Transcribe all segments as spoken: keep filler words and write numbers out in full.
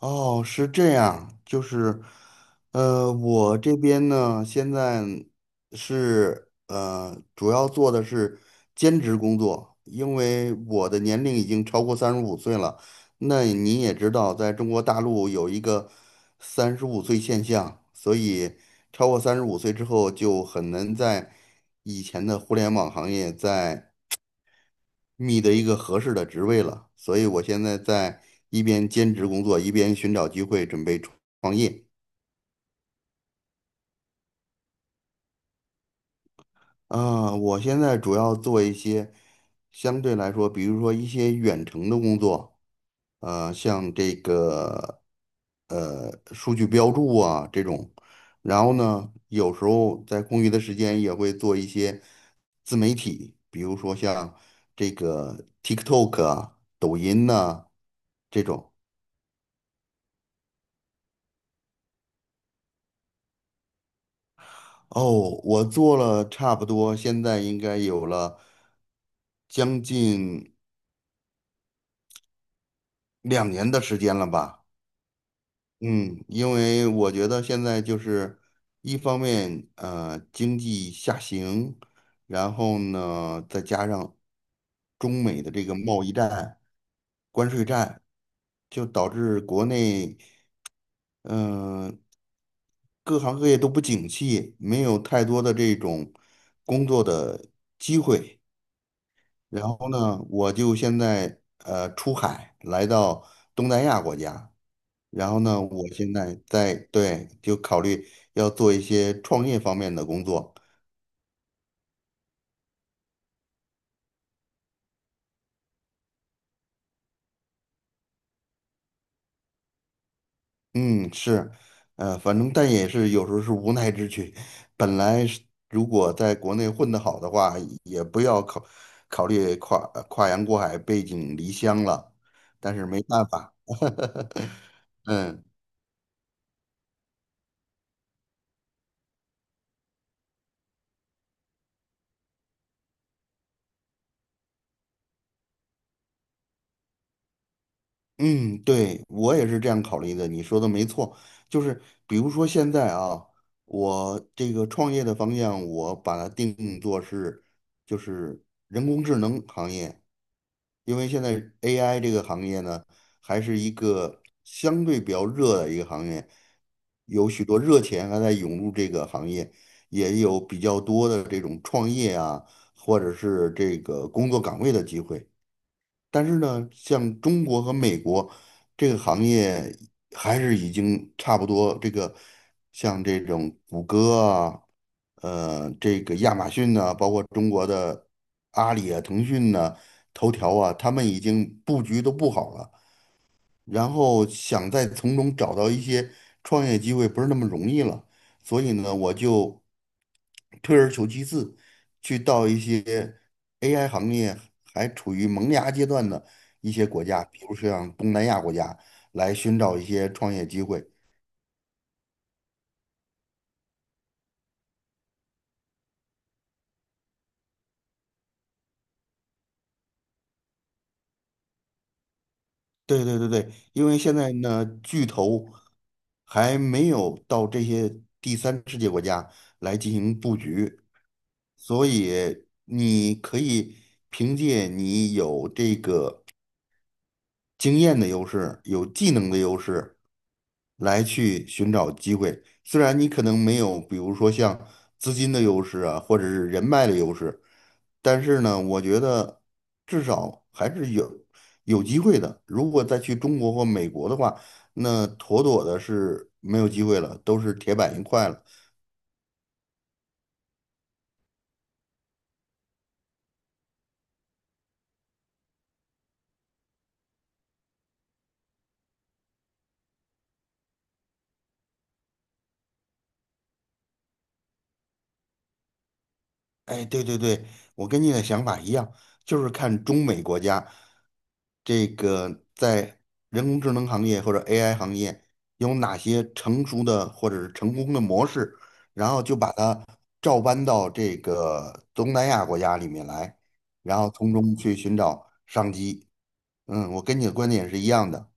哦，是这样，就是，呃，我这边呢，现在是呃，主要做的是兼职工作，因为我的年龄已经超过三十五岁了。那你也知道，在中国大陆有一个三十五岁现象，所以超过三十五岁之后就很难在以前的互联网行业在。觅得一个合适的职位了，所以我现在在一边兼职工作，一边寻找机会准备创创业。啊，我现在主要做一些相对来说，比如说一些远程的工作，呃，像这个呃数据标注啊这种，然后呢，有时候在空余的时间也会做一些自媒体，比如说像这个 TikTok 啊、抖音呐、这种。哦，我做了差不多，现在应该有了将近两年的时间了吧。嗯，因为我觉得现在就是一方面，呃，经济下行，然后呢，再加上中美的这个贸易战、关税战，就导致国内，嗯、各行各业都不景气，没有太多的这种工作的。然后呢，我就现在呃出海来到东南亚国家，然后呢，我现在在对就考虑要做一些创业方面的工作。嗯，是，呃，反正但也是有时候是无奈之举。本来是如果在国内混得好的话，也不要考考虑跨跨洋过海、背井离乡了，但是没办法。嗯。嗯，对，我也是这样考虑的，你说的没错，就是比如说现在啊，我这个创业的方向，我把它定做是就是人工智能行业，因为现在 A I 这个行业呢，还是一个相对比较热的一个行业，有许多热钱还在涌入这个行业，也有比较多的这种创业啊，或者是这个工作岗位的机会。但是呢，像中国和美国这个行业还是已经差不多。这个像这种谷歌啊，呃，这个亚马逊呢、包括中国的阿里啊、腾讯呢、头条啊，他们已经布局都布好了。然后想再从中找到一些创业机会不是那么容易了，所以呢，我就退而求其次，去到一些 A I 行业还处于萌芽阶段的一些国家，比如说像东南亚国家，来寻找一些创业机会。对对对对，因为现在呢，巨头还没有到这些第三世界国家来进行布局，所以你可以凭借你有这个经验的优势，有技能的优势，来去寻找机会。虽然你可能没有，比如说像资金的优势啊，或者是人脉的优势，但是呢，我觉得至少还是有有机会的。如果再去中国或美国的话，那妥妥的是没有机会了，都是铁板一块了。哎，对对对，我跟你的想法一样，就是看中美国家这个在人工智能行业或者 A I 行业有哪些成熟的或者是成功的模式，然后就把它照搬到这个东南亚国家里面来，然后从中去寻找商机。嗯，我跟你的观点是一样的。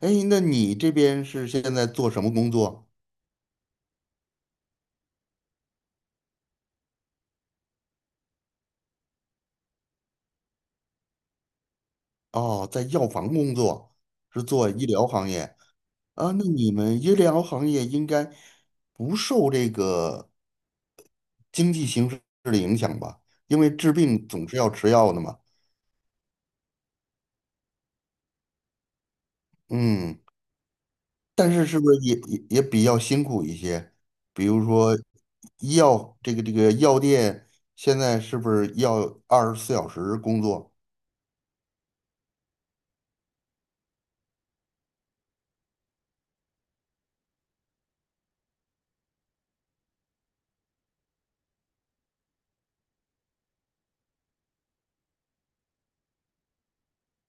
哎，那你这边是现在做什么工作？哦，在药房工作，是做医疗行业。啊，那你们医疗行业应该不受这个经济形势的影响吧？因为治病总是要吃药的嘛。嗯，但是是不是也也也比较辛苦一些？比如说医药这个这个药店现在是不是要二十四小时工作？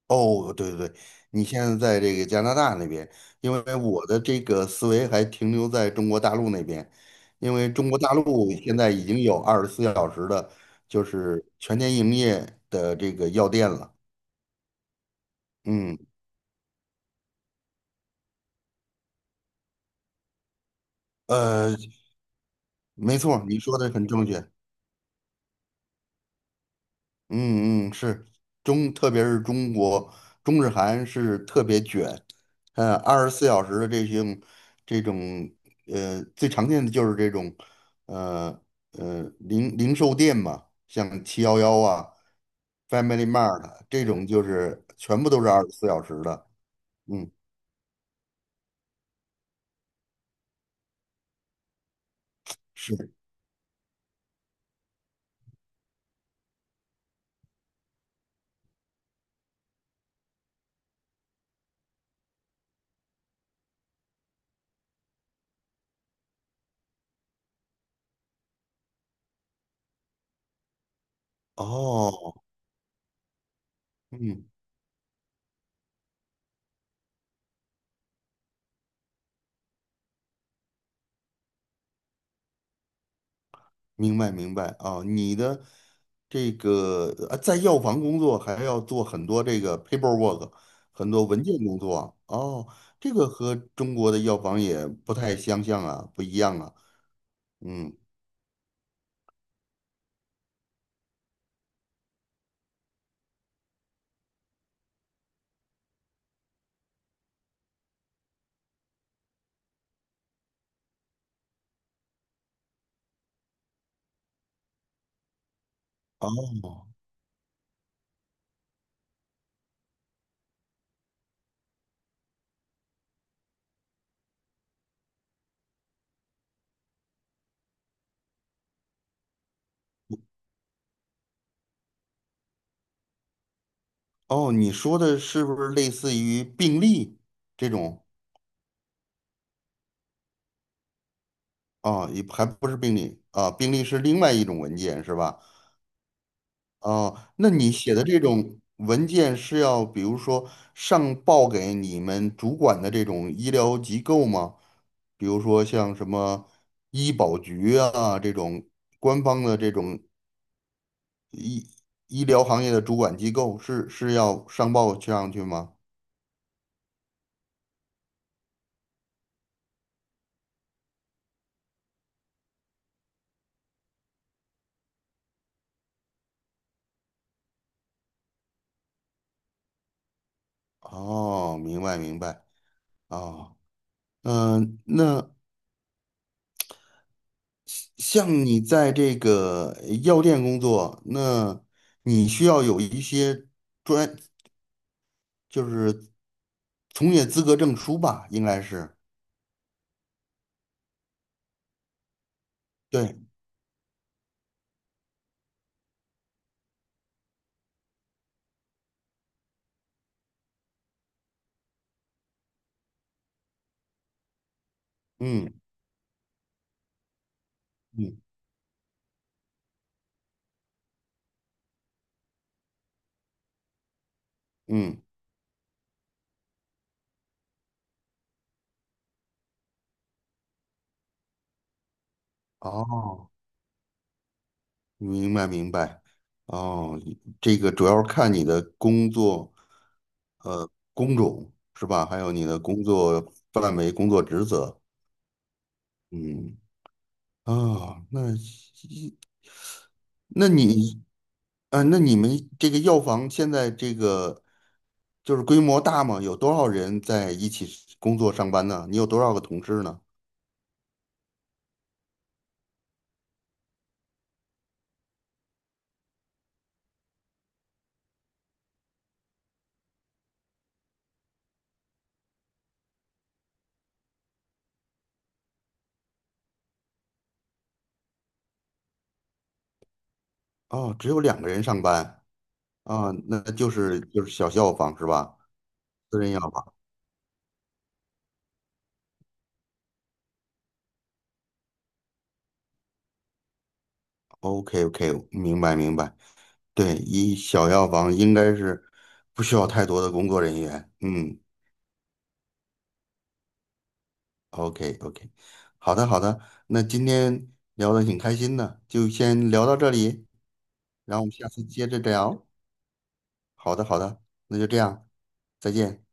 哦，对对对，你现在在这个加拿大那边，因为我的这个思维还停留在中国大陆那边，因为中国大陆现在已经有二十四小时的，就是全天营业的这个药店了。嗯，呃，没错儿你说的很正确。嗯嗯，是中，特别是中国中日韩是特别卷，呃，二十四小时的这些这种呃最常见的就是这种呃呃零零售店嘛，像七幺幺啊、Family Mart 啊这种就是全部都是二十四小时的，嗯，是哦。嗯。明白明白啊，你的这个呃在药房工作还要做很多这个 paperwork，很多文件工作啊哦，这个和中国的药房也不太相像啊，不一样啊，嗯，哦哦，你说的是不是类似于病历这种啊？也还不是病历啊，病历是另外一种文件是吧？哦，那你写的这种文件是要，比如说上报给你们主管的这种医疗机构吗？比如说像什么医保局啊这种官方的这种医疗行业的主管机构是，是要上报上去吗？哦，明白明白。哦，嗯、那像你在这个药店工作，那你需要有一些。专。就是从业资格证书吧，应该是。对，嗯嗯嗯，哦，明白明白。哦，这个主要是看你的工作，呃，工种是吧？还有你的工作范围、工作职责。嗯，啊，那一那你啊，那你们这个药房现在这个就是规模大吗？有多少人在一起工作上班呢？你有多少个同事呢？哦，只有两个人上班啊，那就是就是小药房是吧？私人药房，OK OK，明白明白。对，一小药房应该是不需要太多的工作人员。嗯，OK OK，好的好的，那今天聊得挺开心的，就先聊到这里，然后我们下次接着聊。好的好的，那就这样，再见。